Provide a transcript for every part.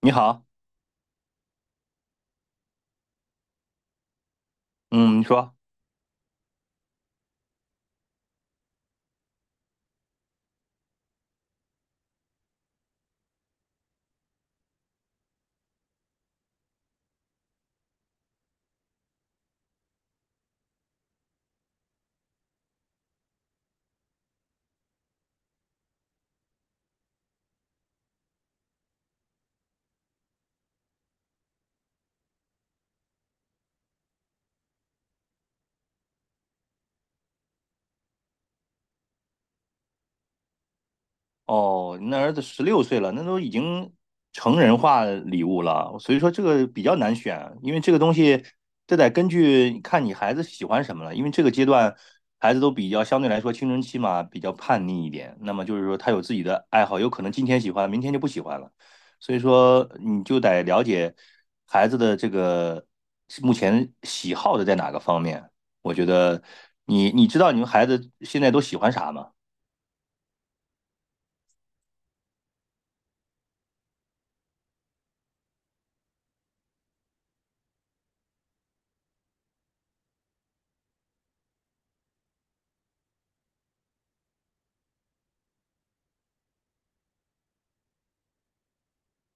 你好。嗯，你说。哦，你那儿子十六岁了，那都已经成人化礼物了，所以说这个比较难选。因为这个东西，这得根据看你孩子喜欢什么了，因为这个阶段孩子都比较相对来说青春期嘛，比较叛逆一点。那么就是说他有自己的爱好，有可能今天喜欢，明天就不喜欢了，所以说你就得了解孩子的这个目前喜好的在哪个方面。我觉得你知道你们孩子现在都喜欢啥吗？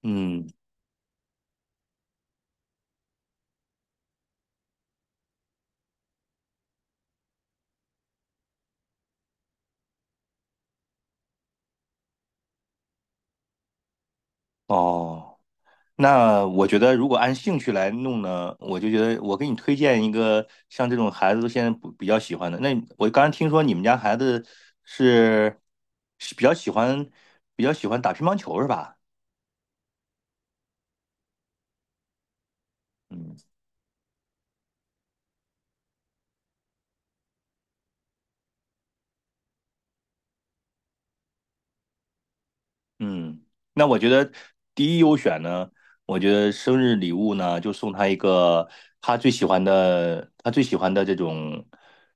嗯。哦，那我觉得如果按兴趣来弄呢，我就觉得我给你推荐一个像这种孩子都现在不比较喜欢的。那我刚才听说你们家孩子是比较喜欢比较喜欢打乒乓球是吧？嗯。嗯，那我觉得第一优选呢，我觉得生日礼物呢，就送他一个他最喜欢的，他最喜欢的这种，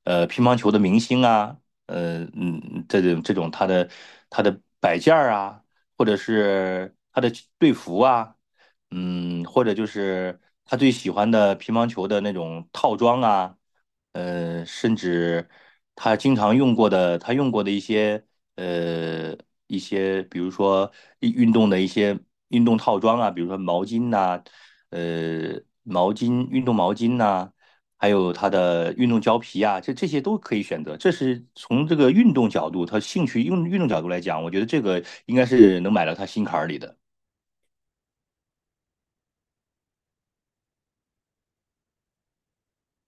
乒乓球的明星啊，这种这种他的他的摆件儿啊，或者是他的队服啊。嗯，或者就是他最喜欢的乒乓球的那种套装啊，甚至他经常用过的，他用过的一些呃一些，比如说运动的一些运动套装啊，比如说毛巾呐、毛巾、运动毛巾呐、还有他的运动胶皮啊，这这些都可以选择。这是从这个运动角度，他兴趣用运动角度来讲，我觉得这个应该是能买到他心坎儿里的。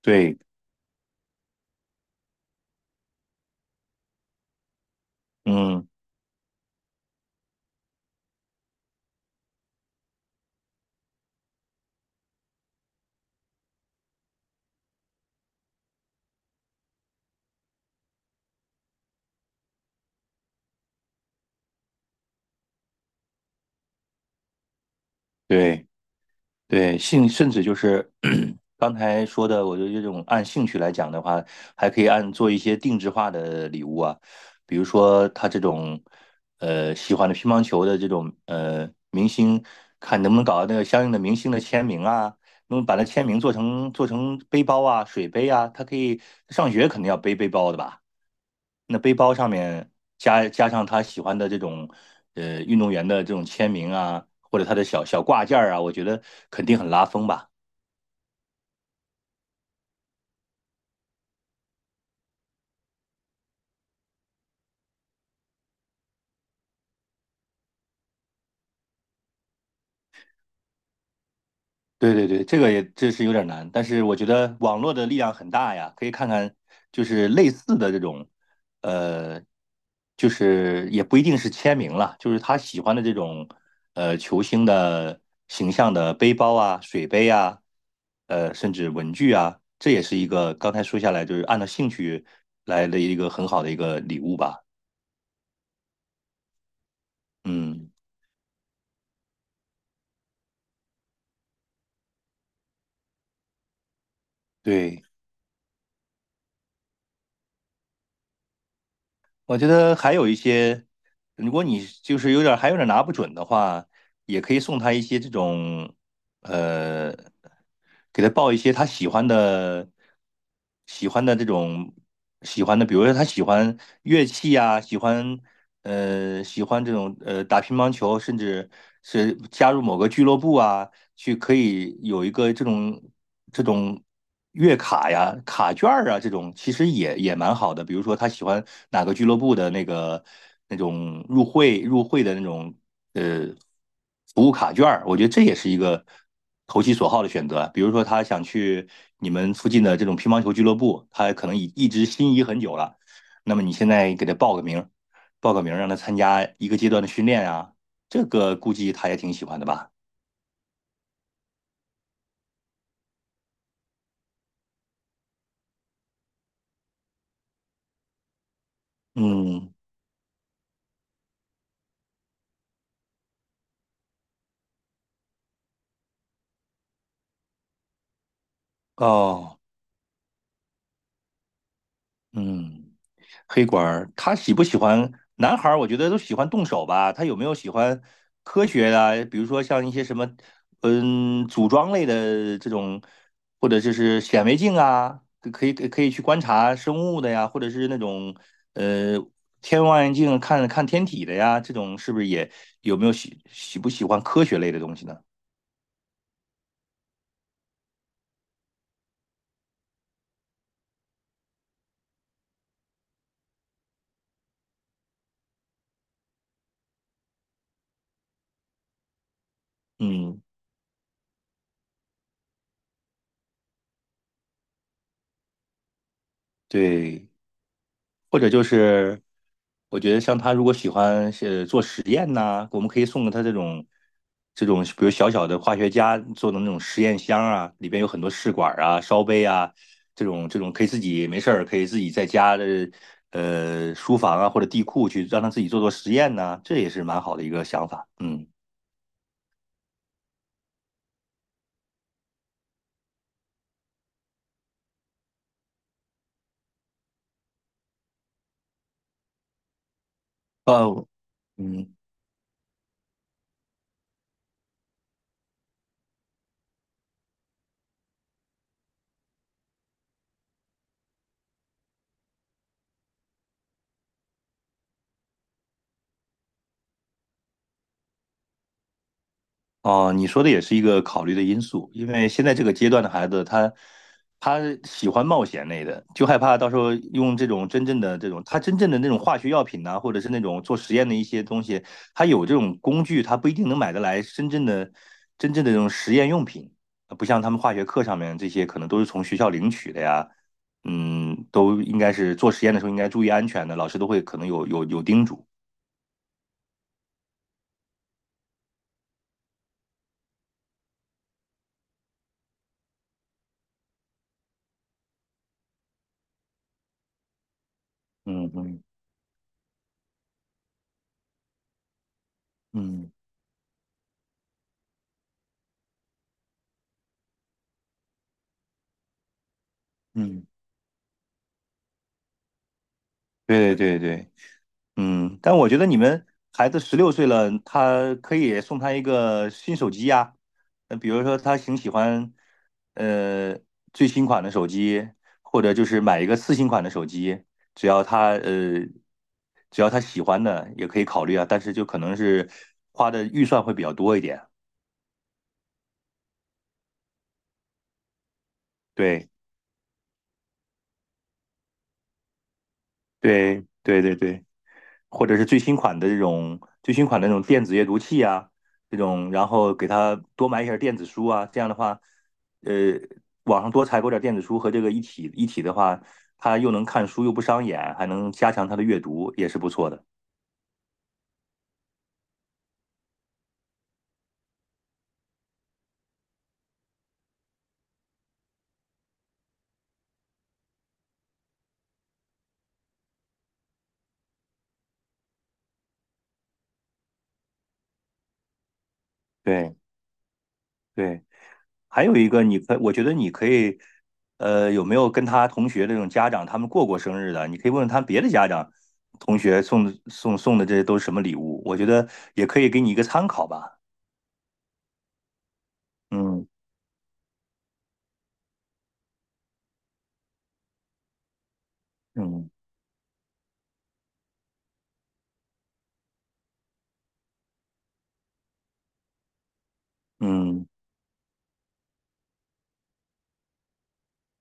对，嗯。对对，兴甚至就是 刚才说的，我觉得这种按兴趣来讲的话，还可以按做一些定制化的礼物啊，比如说他这种喜欢的乒乓球的这种明星，看能不能搞到那个相应的明星的签名啊，能把那签名做成背包啊、水杯啊，他可以上学肯定要背背包的吧。那背包上面加上他喜欢的这种运动员的这种签名啊，或者他的小小挂件儿啊，我觉得肯定很拉风吧。对对对，这个也这是有点难，但是我觉得网络的力量很大呀，可以看看就是类似的这种，呃，就是也不一定是签名了，就是他喜欢的这种球星的形象的背包啊、水杯啊，甚至文具啊，这也是一个刚才说下来就是按照兴趣来的一个很好的一个礼物吧。嗯，对。我觉得还有一些，如果你就是有点儿还有点儿拿不准的话，也可以送他一些这种，呃，给他报一些他喜欢的、喜欢的这种喜欢的，比如说他喜欢乐器啊，喜欢喜欢这种打乒乓球，甚至是加入某个俱乐部啊，去可以有一个这种这种月卡呀、卡券儿啊，这种其实也也蛮好的。比如说他喜欢哪个俱乐部的那个那种入会的那种呃服务卡券儿，我觉得这也是一个投其所好的选择啊。比如说他想去你们附近的这种乒乓球俱乐部，他可能已一直心仪很久了，那么你现在给他报个名让他参加一个阶段的训练啊，这个估计他也挺喜欢的吧？嗯。哦。嗯，黑管儿，他喜不喜欢男孩儿？我觉得都喜欢动手吧。他有没有喜欢科学的啊比如说像一些什么，嗯，组装类的这种，或者就是显微镜啊，可以去观察生物的呀，或者是那种呃天文望远镜看看天体的呀，这种是不是也有没有喜不喜欢科学类的东西呢？嗯，对。或者就是我觉得像他如果喜欢做实验呐、我们可以送给他这种这种，比如小小的化学家做的那种实验箱啊，里边有很多试管啊、烧杯啊，这种这种可以自己没事儿可以自己在家的书房啊或者地库去让他自己做做实验呐、这也是蛮好的一个想法。嗯。哦，嗯。哦，你说的也是一个考虑的因素，因为现在这个阶段的孩子，他喜欢冒险类的，就害怕到时候用这种真正的这种，他真正的那种化学药品呐、或者是那种做实验的一些东西，他有这种工具，他不一定能买得来真正的这种实验用品，不像他们化学课上面这些可能都是从学校领取的呀。嗯，都应该是做实验的时候应该注意安全的，老师都会可能有叮嘱。嗯嗯嗯嗯，对对对对。嗯，但我觉得你们孩子十六岁了，他可以送他一个新手机呀。那比如说他挺喜欢，呃，最新款的手机，或者就是买一个次新款的手机，只要他只要他喜欢的也可以考虑啊。但是就可能是花的预算会比较多一点。对对对对对。或者是最新款的这种最新款的那种电子阅读器啊，这种，然后给他多买一些电子书啊，这样的话，呃，网上多采购点电子书和这个一体的话，他又能看书又不伤眼，还能加强他的阅读，也是不错的。对对，还有一个，你可我觉得你可以，有没有跟他同学这种家长他们过过生日的？你可以问问他别的家长。同学送的这都是什么礼物？我觉得也可以给你一个参考吧。嗯嗯。嗯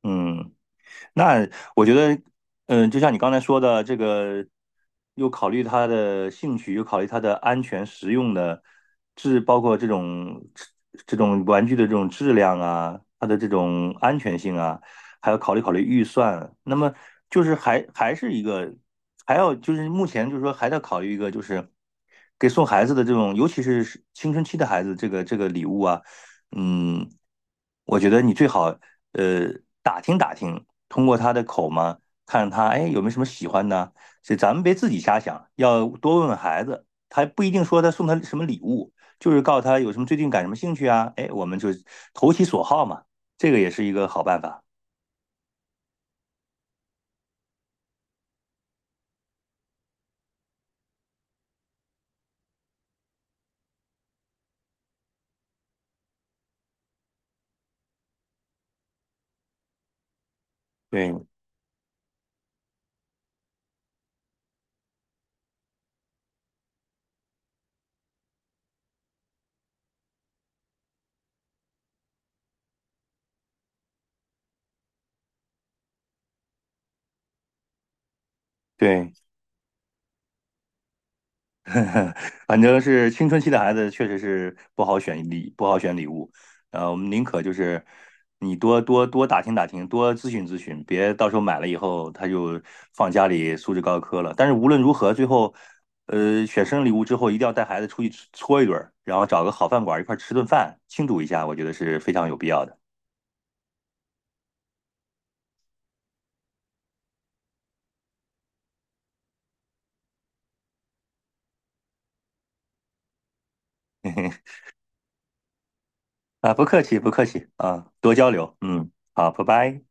嗯。那我觉得，嗯，就像你刚才说的，这个又考虑他的兴趣，又考虑他的安全、实用的质，包括这种这种玩具的这种质量啊，它的这种安全性啊，还要考虑考虑预算。那么就是还还是一个，还要就是目前就是说还在考虑一个，就是给送孩子的这种，尤其是青春期的孩子，这个这个礼物啊，嗯，我觉得你最好呃打听打听，通过他的口嘛，看他哎有没有什么喜欢的，所以咱们别自己瞎想，要多问问孩子，他不一定说他送他什么礼物，就是告诉他有什么最近感什么兴趣啊，哎，我们就投其所好嘛，这个也是一个好办法。对对。反正是青春期的孩子，确实是不好选礼，不好选礼物。我们宁可就是你多打听打听，多咨询咨询，别到时候买了以后他就放家里素质高科了。但是无论如何，最后选生日礼物之后，一定要带孩子出去搓一顿儿然后找个好饭馆一块儿吃顿饭，庆祝一下，我觉得是非常有必要的。啊，不客气，不客气啊，多交流。嗯，好，拜拜。